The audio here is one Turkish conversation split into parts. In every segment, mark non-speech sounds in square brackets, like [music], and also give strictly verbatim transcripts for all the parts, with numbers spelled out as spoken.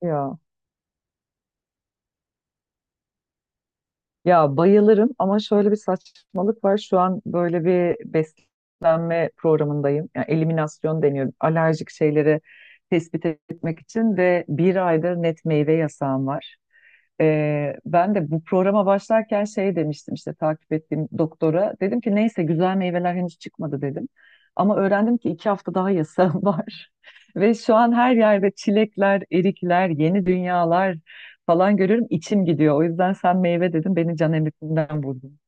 Ya ya bayılırım ama şöyle bir saçmalık var. Şu an böyle bir beslenme programındayım. Yani eliminasyon deniyor. Alerjik şeyleri tespit etmek için ve bir aydır net meyve yasağım var. Ee, ben de bu programa başlarken şey demiştim işte takip ettiğim doktora. Dedim ki neyse güzel meyveler henüz çıkmadı dedim. Ama öğrendim ki iki hafta daha yasağım [laughs] var. Ve şu an her yerde çilekler, erikler, yeni dünyalar falan görüyorum, içim gidiyor. O yüzden sen meyve dedin, beni can emrinden vurdun.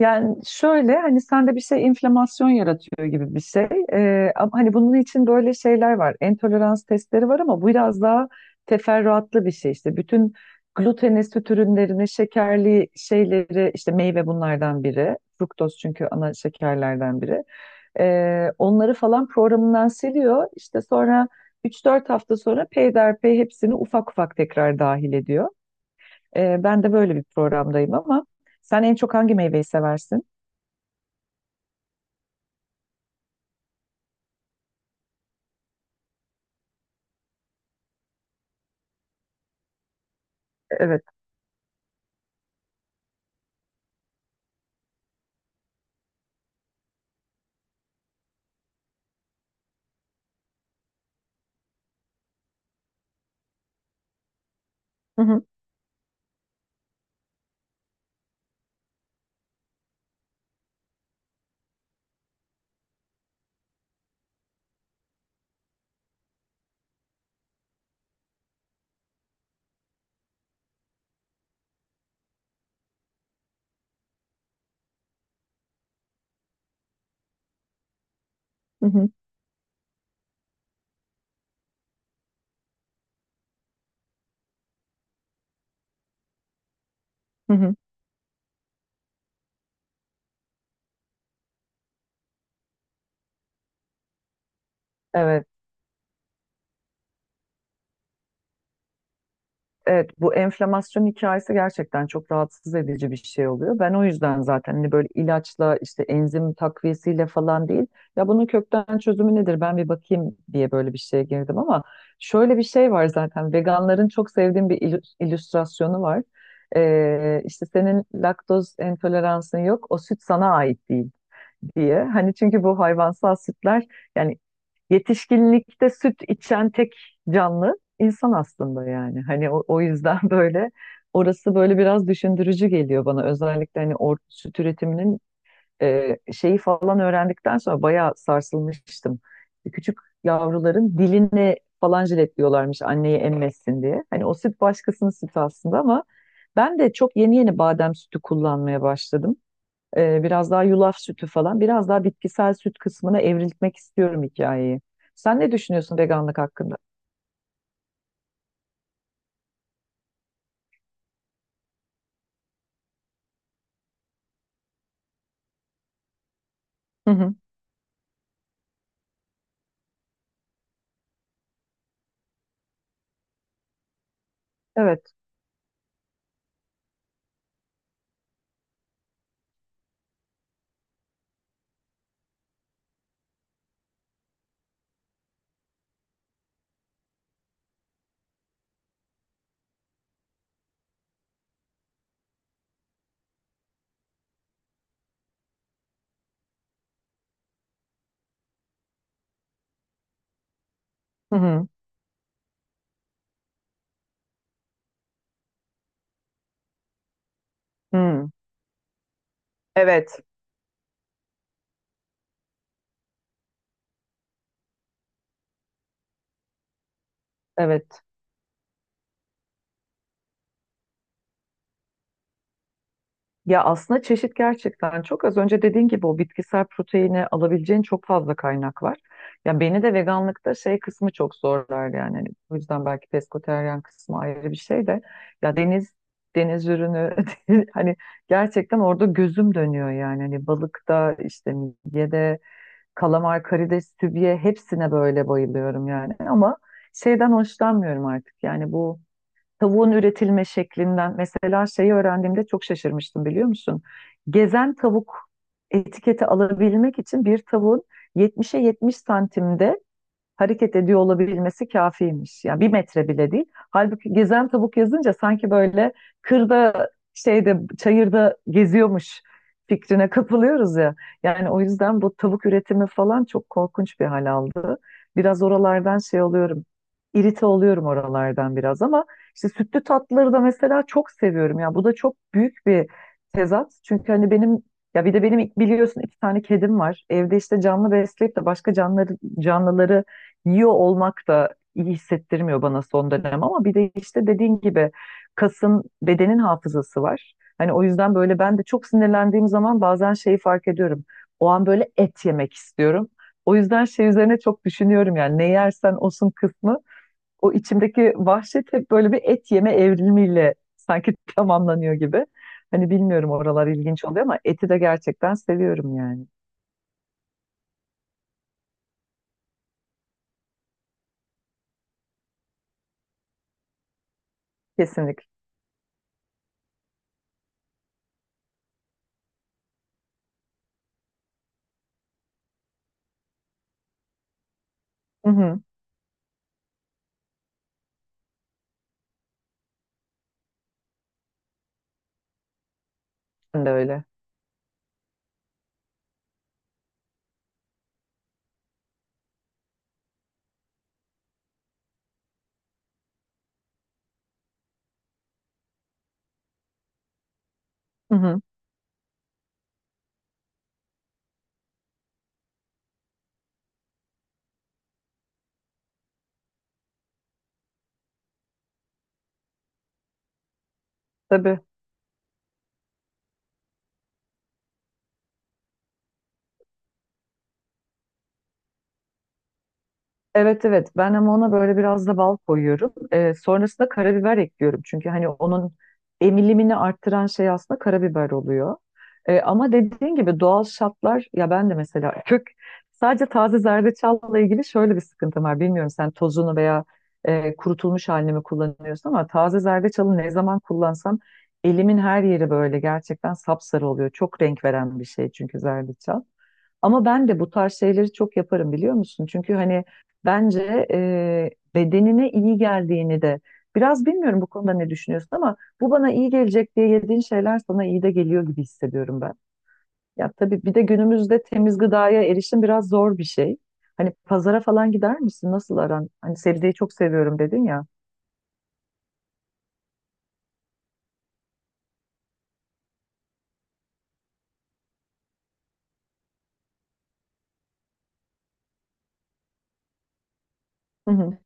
Yani şöyle hani sende bir şey inflamasyon yaratıyor gibi bir şey. Ee, ama hani bunun için böyle şeyler var. Entolerans testleri var ama bu biraz daha teferruatlı bir şey işte. Bütün gluteni, süt ürünlerini, şekerli şeyleri, işte meyve bunlardan biri. Fruktoz çünkü ana şekerlerden biri. Ee, onları falan programından siliyor. İşte sonra üç dört hafta sonra peyderpey hepsini ufak ufak tekrar dahil ediyor. Ee, ben de böyle bir programdayım ama sen en çok hangi meyveyi seversin? Evet. Hı hı, hı hı, hı hı. Evet. Evet, bu enflamasyon hikayesi gerçekten çok rahatsız edici bir şey oluyor. Ben o yüzden zaten hani böyle ilaçla, işte enzim takviyesiyle falan değil. Ya bunun kökten çözümü nedir? Ben bir bakayım diye böyle bir şeye girdim ama şöyle bir şey var zaten. Veganların çok sevdiğim bir illü- illüstrasyonu var. Ee, işte senin laktoz intoleransın yok, o süt sana ait değil diye. Hani çünkü bu hayvansal sütler, yani yetişkinlikte süt içen tek canlı insan aslında yani. Hani o, o yüzden [laughs] böyle orası böyle biraz düşündürücü geliyor bana. Özellikle hani or süt üretiminin e, şeyi falan öğrendikten sonra bayağı sarsılmıştım. Küçük yavruların diline falan jiletliyorlarmış anneyi emmesin diye. Hani o süt başkasının sütü aslında ama ben de çok yeni yeni badem sütü kullanmaya başladım. Ee, biraz daha yulaf sütü falan, biraz daha bitkisel süt kısmına evrilmek istiyorum hikayeyi. Sen ne düşünüyorsun veganlık hakkında? Hı hı. Evet. Hı hı. Hı. Evet. Evet. Ya aslında çeşit gerçekten çok, az önce dediğin gibi o bitkisel proteini alabileceğin çok fazla kaynak var. Ya beni de veganlıkta şey kısmı çok zorlar yani. Hani bu yüzden belki pesketeryan kısmı ayrı bir şey de. Ya deniz deniz ürünü [laughs] hani gerçekten orada gözüm dönüyor yani. Hani balıkta, işte midyede, kalamar, karides, sübye, hepsine böyle bayılıyorum yani. Ama şeyden hoşlanmıyorum artık, yani bu tavuğun üretilme şeklinden. Mesela şeyi öğrendiğimde çok şaşırmıştım, biliyor musun? Gezen tavuk etiketi alabilmek için bir tavuğun yetmişe yetmiş santimde hareket ediyor olabilmesi kafiymiş. Yani bir metre bile değil. Halbuki gezen tavuk yazınca sanki böyle kırda, şeyde, çayırda geziyormuş fikrine kapılıyoruz ya. Yani o yüzden bu tavuk üretimi falan çok korkunç bir hal aldı. Biraz oralardan şey oluyorum. İrite oluyorum oralardan biraz ama işte sütlü tatlıları da mesela çok seviyorum. Ya bu da çok büyük bir tezat. Çünkü hani benim, ya bir de benim biliyorsun iki tane kedim var. Evde işte canlı besleyip de başka canlı, canlıları yiyor olmak da iyi hissettirmiyor bana son dönem ama bir de işte dediğin gibi kasın, bedenin hafızası var. Hani o yüzden böyle ben de çok sinirlendiğim zaman bazen şeyi fark ediyorum. O an böyle et yemek istiyorum. O yüzden şey üzerine çok düşünüyorum, yani ne yersen olsun kısmı. O içimdeki vahşet hep böyle bir et yeme evrimiyle sanki [laughs] tamamlanıyor gibi. Hani bilmiyorum, oralar ilginç oluyor ama eti de gerçekten seviyorum yani. Kesinlikle. Hı hı. Ben de öyle. Hı hı. Tabii. Evet, evet, ben ama ona böyle biraz da bal koyuyorum. Ee, sonrasında karabiber ekliyorum. Çünkü hani onun emilimini arttıran şey aslında karabiber oluyor. Ee, ama dediğin gibi doğal şartlar, ya ben de mesela [laughs] kök, sadece taze zerdeçalla ilgili şöyle bir sıkıntım var. Bilmiyorum sen tozunu veya e, kurutulmuş halini mi kullanıyorsun ama taze zerdeçalı ne zaman kullansam elimin her yeri böyle gerçekten sapsarı oluyor. Çok renk veren bir şey çünkü zerdeçal. Ama ben de bu tarz şeyleri çok yaparım, biliyor musun? Çünkü hani bence e, bedenine iyi geldiğini de biraz, bilmiyorum bu konuda ne düşünüyorsun ama bu bana iyi gelecek diye yediğin şeyler sana iyi de geliyor gibi hissediyorum ben. Ya tabii bir de günümüzde temiz gıdaya erişim biraz zor bir şey. Hani pazara falan gider misin? Nasıl aran? Hani sebzeyi çok seviyorum dedin ya. Hı hı.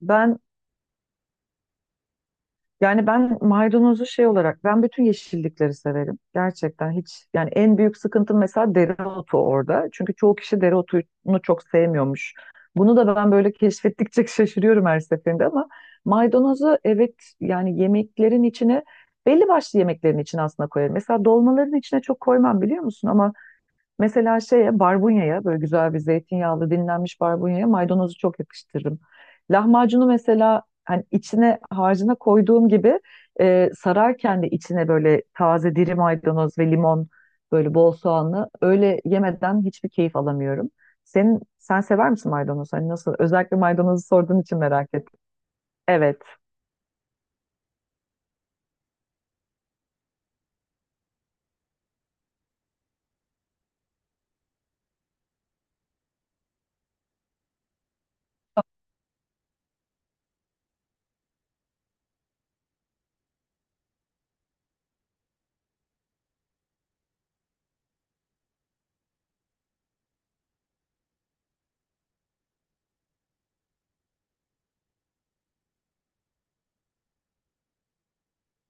Ben yani ben maydanozu şey olarak, ben bütün yeşillikleri severim. Gerçekten hiç, yani en büyük sıkıntım mesela dereotu orada. Çünkü çoğu kişi dereotunu çok sevmiyormuş. Bunu da ben böyle keşfettikçe [laughs] şaşırıyorum her seferinde ama maydanozu, evet, yani yemeklerin içine, belli başlı yemeklerin içine aslında koyarım. Mesela dolmaların içine çok koymam biliyor musun ama mesela şeye, barbunyaya, böyle güzel bir zeytinyağlı dinlenmiş barbunyaya maydanozu çok yakıştırırım. Lahmacunu mesela hani içine, harcına koyduğum gibi e, sararken de içine böyle taze diri maydanoz ve limon, böyle bol soğanlı öyle yemeden hiçbir keyif alamıyorum. Senin sen sever misin maydanoz? Hani nasıl? Özellikle maydanozu sorduğun için merak ettim. Evet.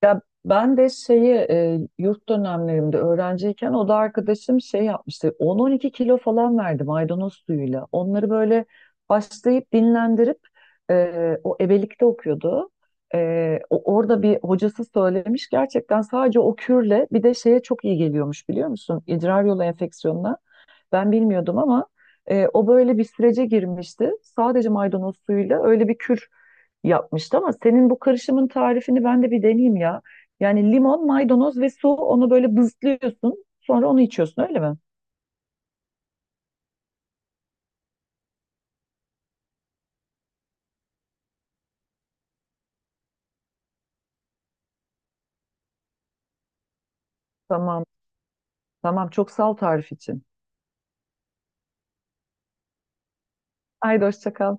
Ya ben de şeyi e, yurt dönemlerimde öğrenciyken, o da arkadaşım şey yapmıştı. on, on iki kilo falan verdi maydanoz suyuyla. Onları böyle başlayıp dinlendirip e, o ebelikte okuyordu. E, o- orada bir hocası söylemiş, gerçekten sadece o kürle bir de şeye çok iyi geliyormuş, biliyor musun? İdrar yolu enfeksiyonuna. Ben bilmiyordum ama e, o böyle bir sürece girmişti. Sadece maydanoz suyuyla öyle bir kür yapmıştı ama senin bu karışımın tarifini ben de bir deneyeyim ya. Yani limon, maydanoz ve su, onu böyle bızlıyorsun. Sonra onu içiyorsun, öyle mi? Tamam. Tamam, çok sağ ol tarif için. Haydi hoşça kal.